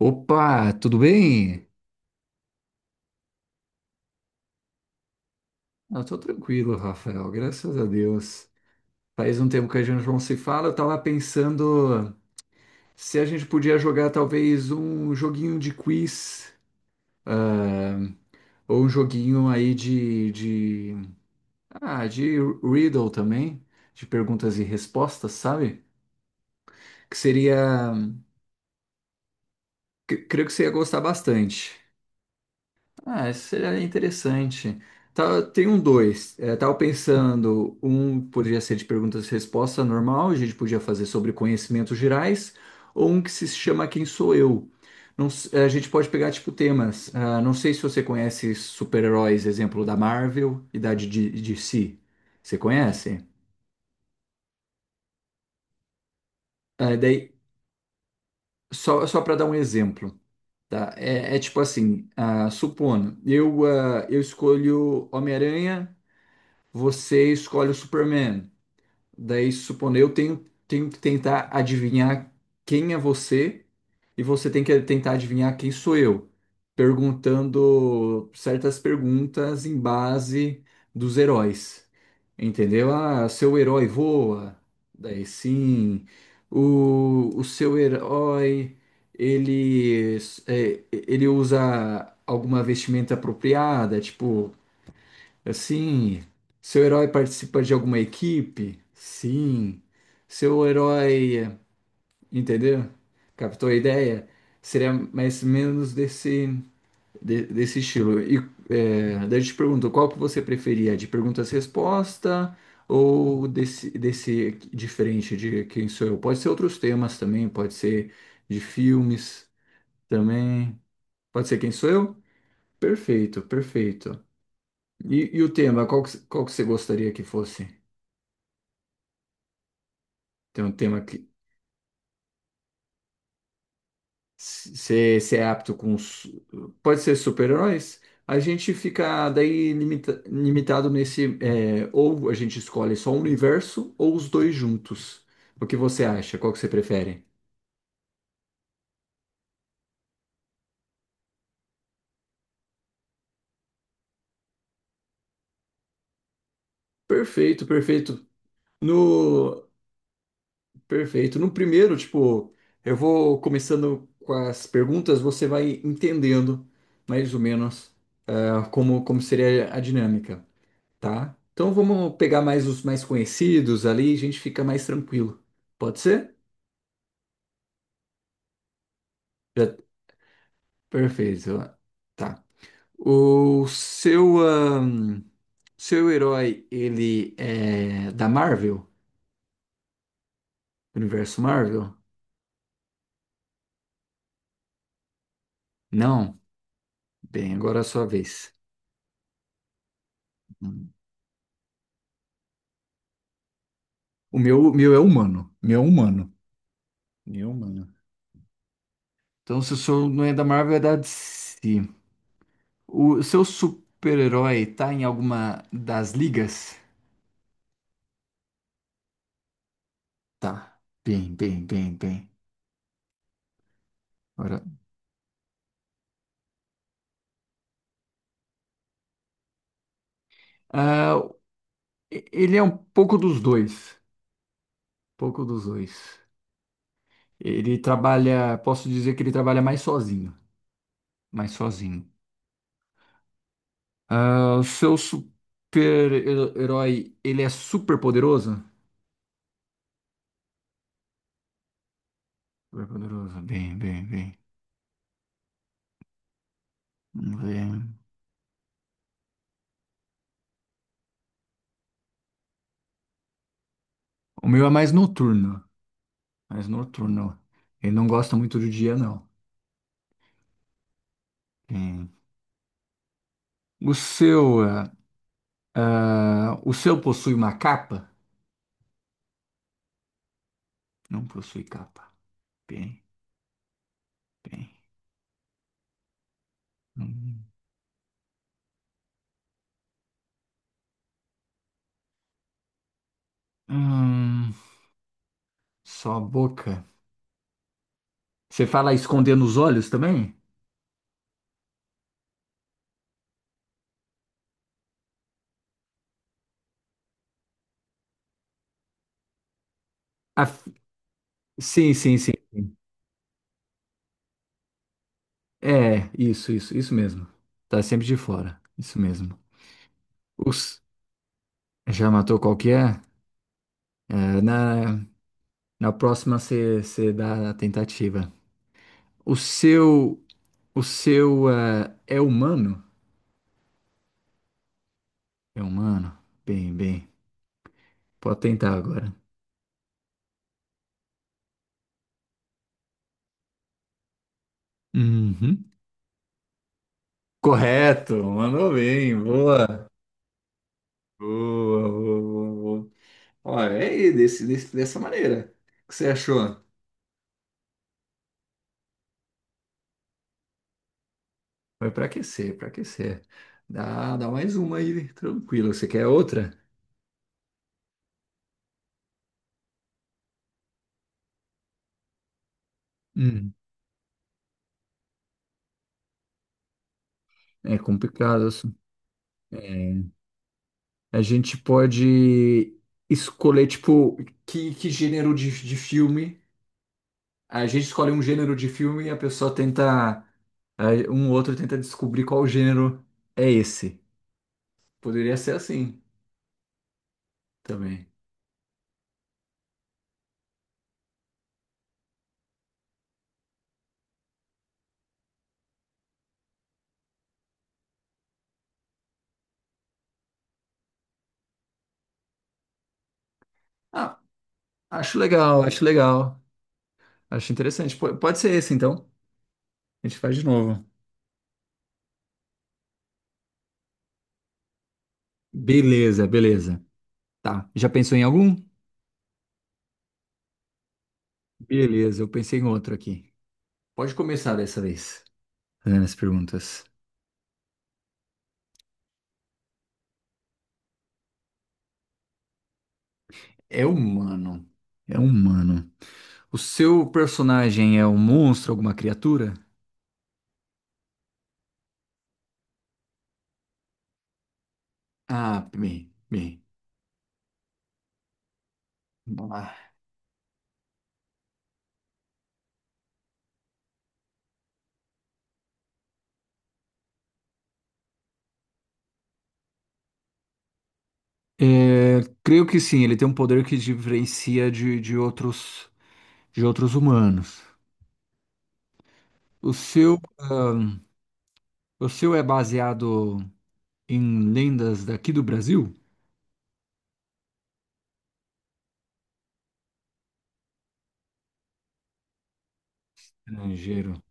Opa, tudo bem? Eu tô tranquilo, Rafael, graças a Deus. Faz um tempo que a gente não se fala, eu tava pensando se a gente podia jogar talvez um joguinho de quiz ou um joguinho aí de riddle também, de perguntas e respostas, sabe? Que seria, creio que você ia gostar bastante. Ah, isso seria interessante. Tá, tem um dois. É, tava pensando, um poderia ser de perguntas e respostas normal, a gente podia fazer sobre conhecimentos gerais, ou um que se chama Quem Sou Eu. Não s- é, a gente pode pegar, tipo, temas. Ah, não sei se você conhece super-heróis, exemplo, da Marvel e da de DC. Você conhece? Ah, daí, só para dar um exemplo, tá? É tipo assim, supondo, eu escolho Homem-Aranha. Você escolhe o Superman. Daí, supondo, eu tenho, tenho que tentar adivinhar quem é você e você tem que tentar adivinhar quem sou eu, perguntando certas perguntas em base dos heróis. Entendeu? Ah, seu herói voa. Daí sim. O seu herói, ele, é, ele usa alguma vestimenta apropriada, tipo. Assim, seu herói participa de alguma equipe? Sim. Seu herói, entendeu? Captou a ideia? Seria mais ou menos desse, desse estilo. E é, daí eu te pergunto, qual que você preferia? De perguntas-resposta ou desse, desse diferente de quem sou eu? Pode ser outros temas também, pode ser de filmes também. Pode ser quem sou eu? Perfeito, perfeito. E o tema, qual que você gostaria que fosse? Tem um tema que se é apto com. Su- Pode ser super-heróis? A gente fica daí limitado nesse. É, ou a gente escolhe só um universo ou os dois juntos. O que você acha? Qual que você prefere? Perfeito, perfeito. No. Perfeito. No primeiro, tipo, eu vou começando com as perguntas, você vai entendendo mais ou menos ah, como, como seria a dinâmica. Tá? Então vamos pegar mais os mais conhecidos ali, a gente fica mais tranquilo. Pode ser? Já- Perfeito. Tá. O seu, seu herói, ele é da Marvel? Universo Marvel? Não? Bem, agora é a sua vez. Hum. O meu é humano. Meu é humano. Meu é humano. Então, se o seu não é da Marvel, é da DC. O seu super-herói tá em alguma das ligas? Tá. Bem, bem, bem, bem. Agora ah, ele é um pouco dos dois, pouco dos dois. Ele trabalha, posso dizer que ele trabalha mais sozinho, mais sozinho. Ah, o seu super-herói, ele é super poderoso? Super poderoso, bem, bem, bem. Vamos ver. O meu é mais noturno, mais noturno. Ele não gosta muito do dia, não. Bem. O seu, ah, o seu possui uma capa? Não possui capa. Bem, bem. Hum, Hum, só a boca. Você fala escondendo os olhos também? Ah, f- sim, sim, sim, sim. É, isso mesmo. Tá sempre de fora. Isso mesmo. Ups, já matou qual que é? É, na, na próxima você dá a tentativa. O seu, é humano? É humano? Bem, bem. Pode tentar agora. Uhum. Correto, mandou bem, boa. Boa, boa, boa, boa. Olha, é aí, dessa maneira. O que você achou? Foi para aquecer, para aquecer. Dá, dá mais uma aí, tranquilo. Você quer outra? Hum, é complicado isso. A gente pode escolher, tipo, que gênero de filme. A gente escolhe um gênero de filme e a pessoa tenta aí. Um outro tenta descobrir qual gênero é esse. Poderia ser assim também. Ah, acho legal, acho legal. Acho interessante. Pode ser esse, então. A gente faz de novo. Beleza, beleza. Tá. Já pensou em algum? Beleza, eu pensei em outro aqui. Pode começar dessa vez, fazendo as perguntas. É humano. É humano. O seu personagem é um monstro, alguma criatura? Ah, bem, bem. Vamos lá. É, creio que sim, ele tem um poder que diferencia de outros humanos. O seu, ahn, o seu é baseado em lendas daqui do Brasil? Estrangeiro.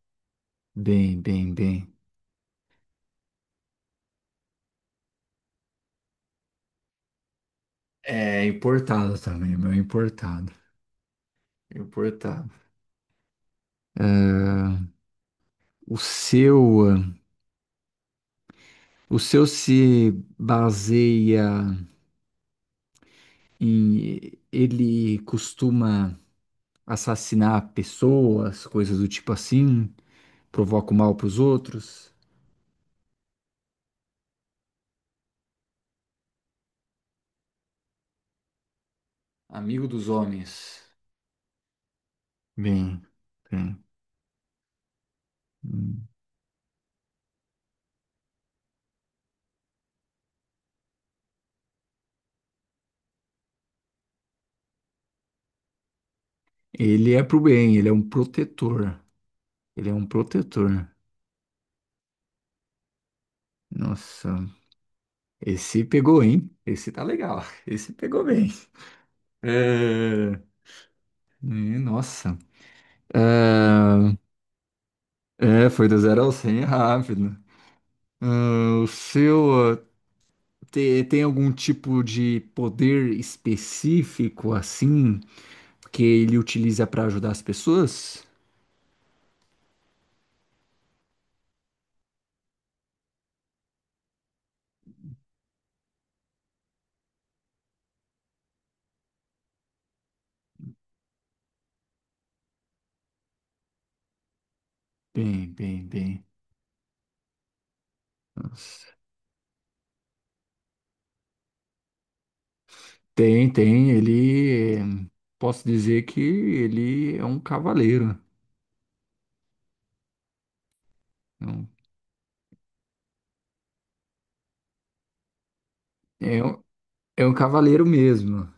Bem, bem, bem. É importado também, meu, é importado. Importado. Ah, o seu, o seu se baseia em ele costuma assassinar pessoas, coisas do tipo assim, provoca o mal para os outros. Amigo dos homens. Bem, bem. Hum. Ele é pro bem, ele é um protetor. Ele é um protetor. Nossa, esse pegou, hein? Esse tá legal. Esse pegou bem. É... nossa. Ah, é, foi do zero ao 100 é rápido. Ah, o seu ah, tem algum tipo de poder específico assim que ele utiliza para ajudar as pessoas? Bem, bem, bem. Nossa. Tem, tem. Ele, eh, posso dizer que ele é um cavaleiro. É um, é um é um cavaleiro mesmo,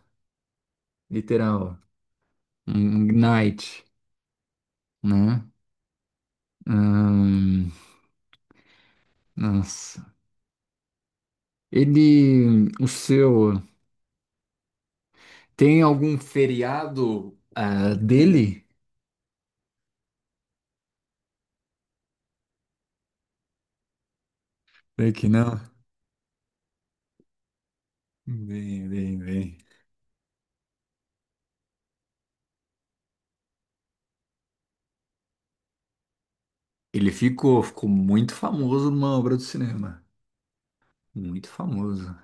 literal. Um knight, né? Ahn, nossa. Ele, o seu. Tem algum feriado ah, dele? Creio que não. Bem, bem, bem. Ele ficou, ficou muito famoso numa obra do cinema. Muito famoso.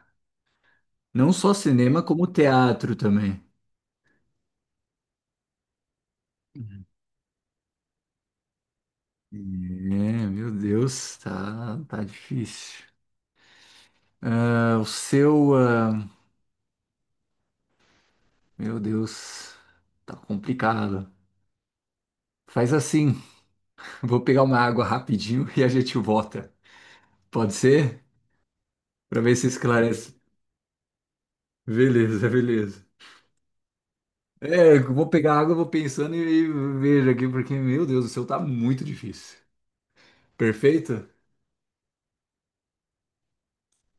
Não só cinema, como teatro também. É, meu Deus, tá, tá difícil. Ah, o seu, ah, meu Deus, tá complicado. Faz assim, vou pegar uma água rapidinho e a gente volta. Pode ser? Pra ver se esclarece. Beleza, beleza. É, eu vou pegar água, eu vou pensando e vejo aqui, porque, meu Deus do céu, tá muito difícil. Perfeito?